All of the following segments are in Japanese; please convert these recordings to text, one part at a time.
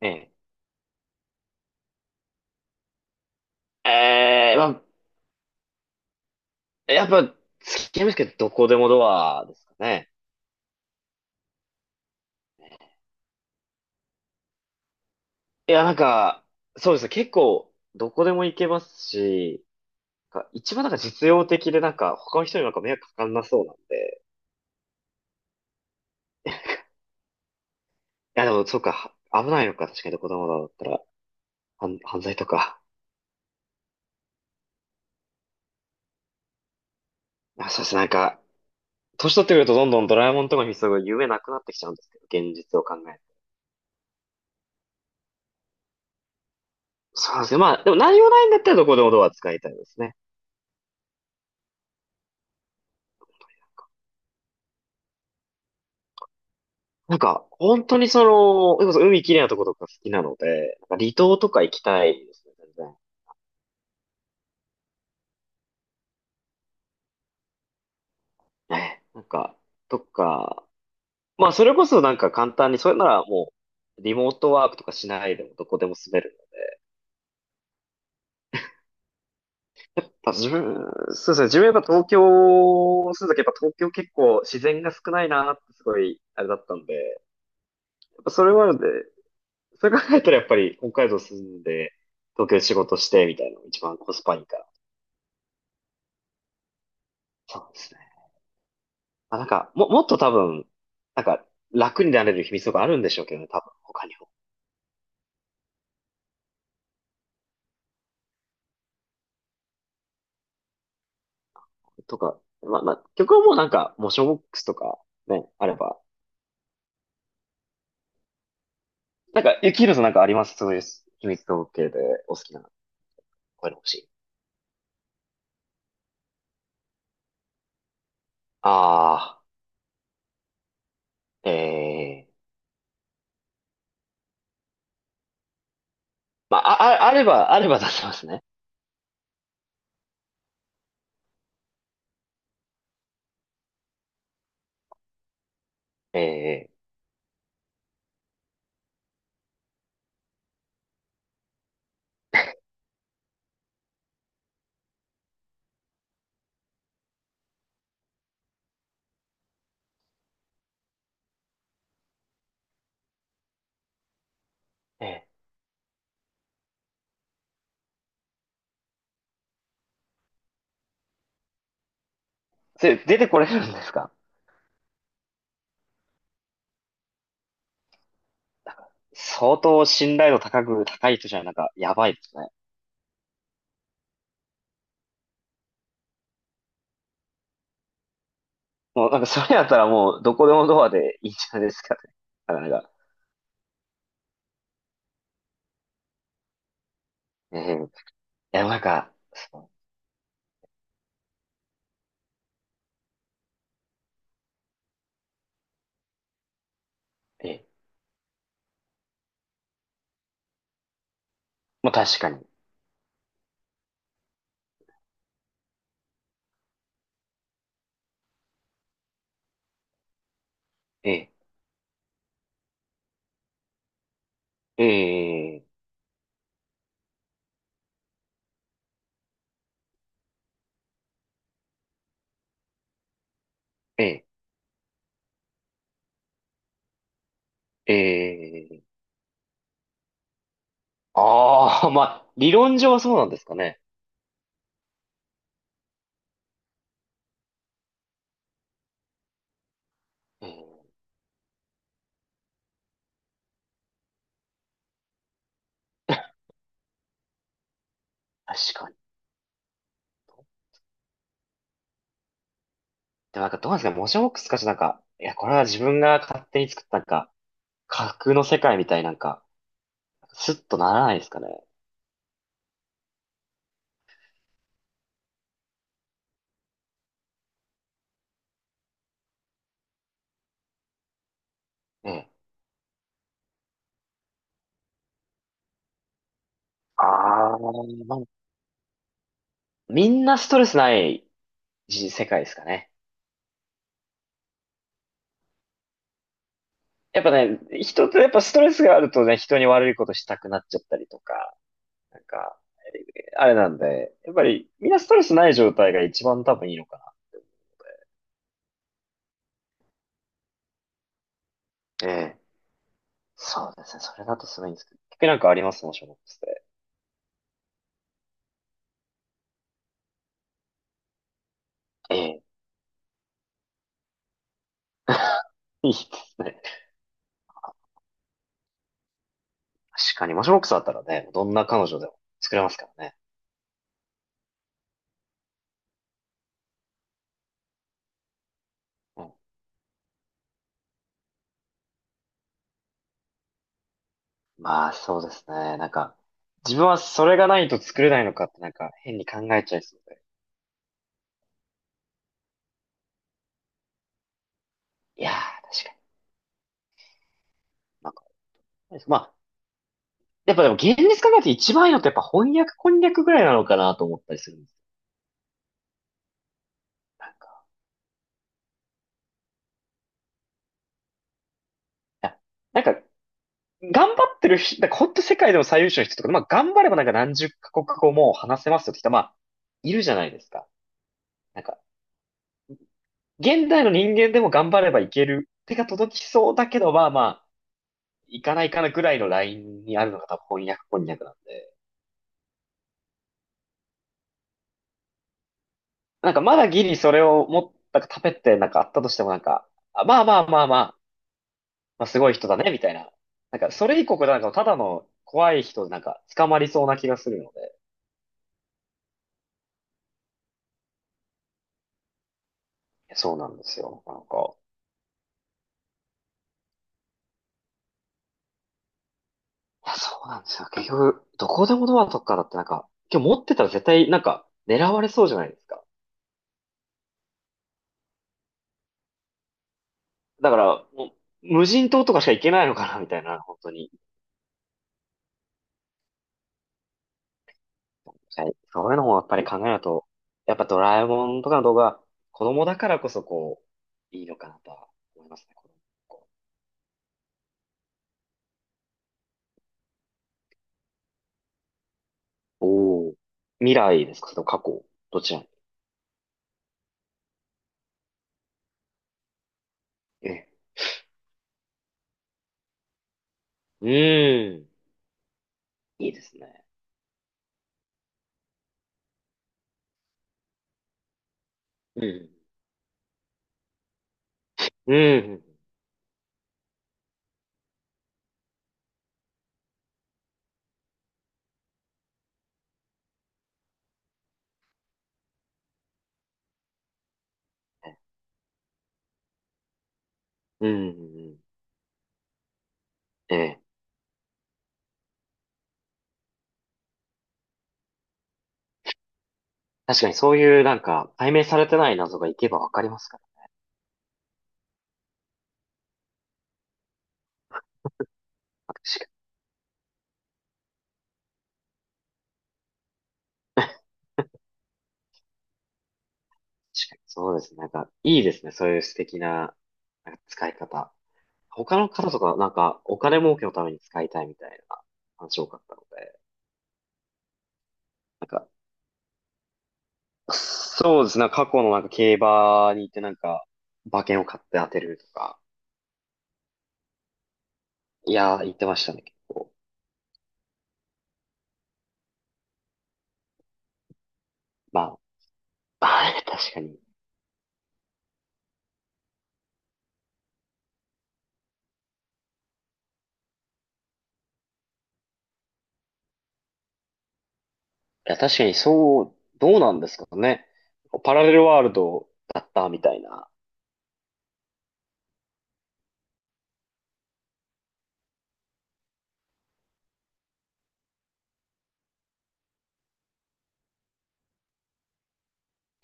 ええ。ええ、まあ、やっぱ、付き合いますけど、どこでもドアですかね。いや、なんか、そうですね。結構、どこでも行けますし、一番実用的で、他の人に迷惑かかんなそうなんで。いや、でも、そうか、は危ないのか、確かにどこでもドアだったら、犯罪とか。あ、そうですね。年取ってくるとどんどんドラえもんとかに必要夢なくなってきちゃうんですけど、現実を考えると。そうなんですけまあ、でも何もないんだったらどこでもドア使いたいですね。本当にその、それこそ海きれいなとことか好きなので、離島とか行きたいですね、全然。え、なんか、とか、まあ、それこそ簡単に、それならもう、リモートワークとかしないでもどこでも住める。ただ自分、そうですね、自分やっぱ東京住んだけど、やっぱ東京結構自然が少ないなってすごい、あれだったんで、やっぱそれもあるんで、それ考えたらやっぱり北海道住んで、東京で仕事してみたいなのが一番コスパいいから。そうですね。もっと多分、なんか、楽になれる秘密とかあるんでしょうけどね、多分、他にも。とか、まあ、まあ、曲はもうモーションボックスとか、ね、あれば。なんか、ゆきひろさんなんかありますそういう秘密統計でお好きな、こういうの欲しい。ああ、ええまあ、あ、ああれば、あれば出せますね。ええええそれ出てこれるんですか？信頼度高い人じゃなんか、やばいですね。もうなんか、それやったらもう、どこでもドアでいいんじゃないですかね。なかなか。ええいや、なんか、そう、ええ、まあ確かに。ええ、ええ、ええ、ええ、ああ、まあ、理論上はそうなんですかね。うん、確かに。でもなんかどうなんですかね、モジャボックスかしなんか、いや、これは自分が勝手に作った架空の世界みたいなんか、スッとならないですかね。ええ。ああ、まあ、みんなストレスないじ世界ですかね。やっぱね、人ってやっぱストレスがあるとね、人に悪いことしたくなっちゃったりとか、なんか、あれなんで、やっぱりみんなストレスない状態が一番多分いいのかな。ええ。そうですね。それだとすごいんですけど。結局なんかありますもショーボックスで。ええ。いいですね。確かに、マシュボックスだったらね、どんな彼女でも作れますからね。うん、まあ、そうですね。自分はそれがないと作れないのかってなんか変に考えちゃいそうで。いやー、確かに。なんか、まあ、やっぱでも現実考えて一番いいのってやっぱ翻訳こんにゃくぐらいなのかなと思ったりするんです。なんか、いや、なんか頑張ってる人、だからほんと世界でも最優秀の人とか、まあ頑張れば何十カ国語も話せますよって人、まあ、いるじゃないですか。なんか、現代の人間でも頑張ればいける。手が届きそうだけど、いかないかなぐらいのラインにあるのが多分翻訳こんにゃくなんで。まだギリそれをもっ、なんか食べてなんかあったとしてもなんか、あまあまあまあまあ、まあすごい人だね、みたいな。なんかそれ以降なんかただの怖い人でなんか捕まりそうな気がするので。そうなんですよ。なんか。いや、そうなんですよ。結局、どこでもドアとかだってなんか、今日持ってたら絶対なんか狙われそうじゃないですか。だから、もう無人島とかしか行けないのかな、みたいな、本当に。はい。そういうのもやっぱり考えると、やっぱドラえもんとかの動画、子供だからこそこう、いいのかなとは思いますね、子供こうおお。未来ですか、それとも過去どちら？ええ。うーん。いいですね。うん。うん。うん。うん。うん。ええ。確かにそういうなんか解明されてない謎がいけばわかりますから。確かに、確かに。そうですね。なんかいいですね。そういう素敵な、なんか使い方。他の方とかなんかお金儲けのために使いたいみたいな話多かったので。なんか、そうですね。なんか過去のなんか競馬に行ってなんか馬券を買って当てるとか。いやー、言ってましたね、結構。まあ、はい、確かに。いや、確かにそう、どうなんですかね。パラレルワールドだったみたいな。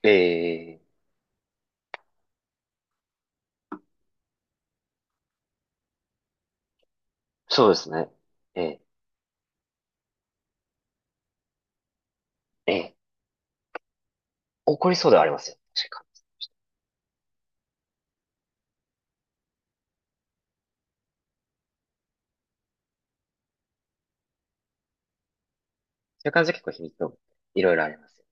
ええ、そうですね。ええ、ええ。怒りそうではありますよ。確かに。そういう感じで結構秘密をいろいろあります。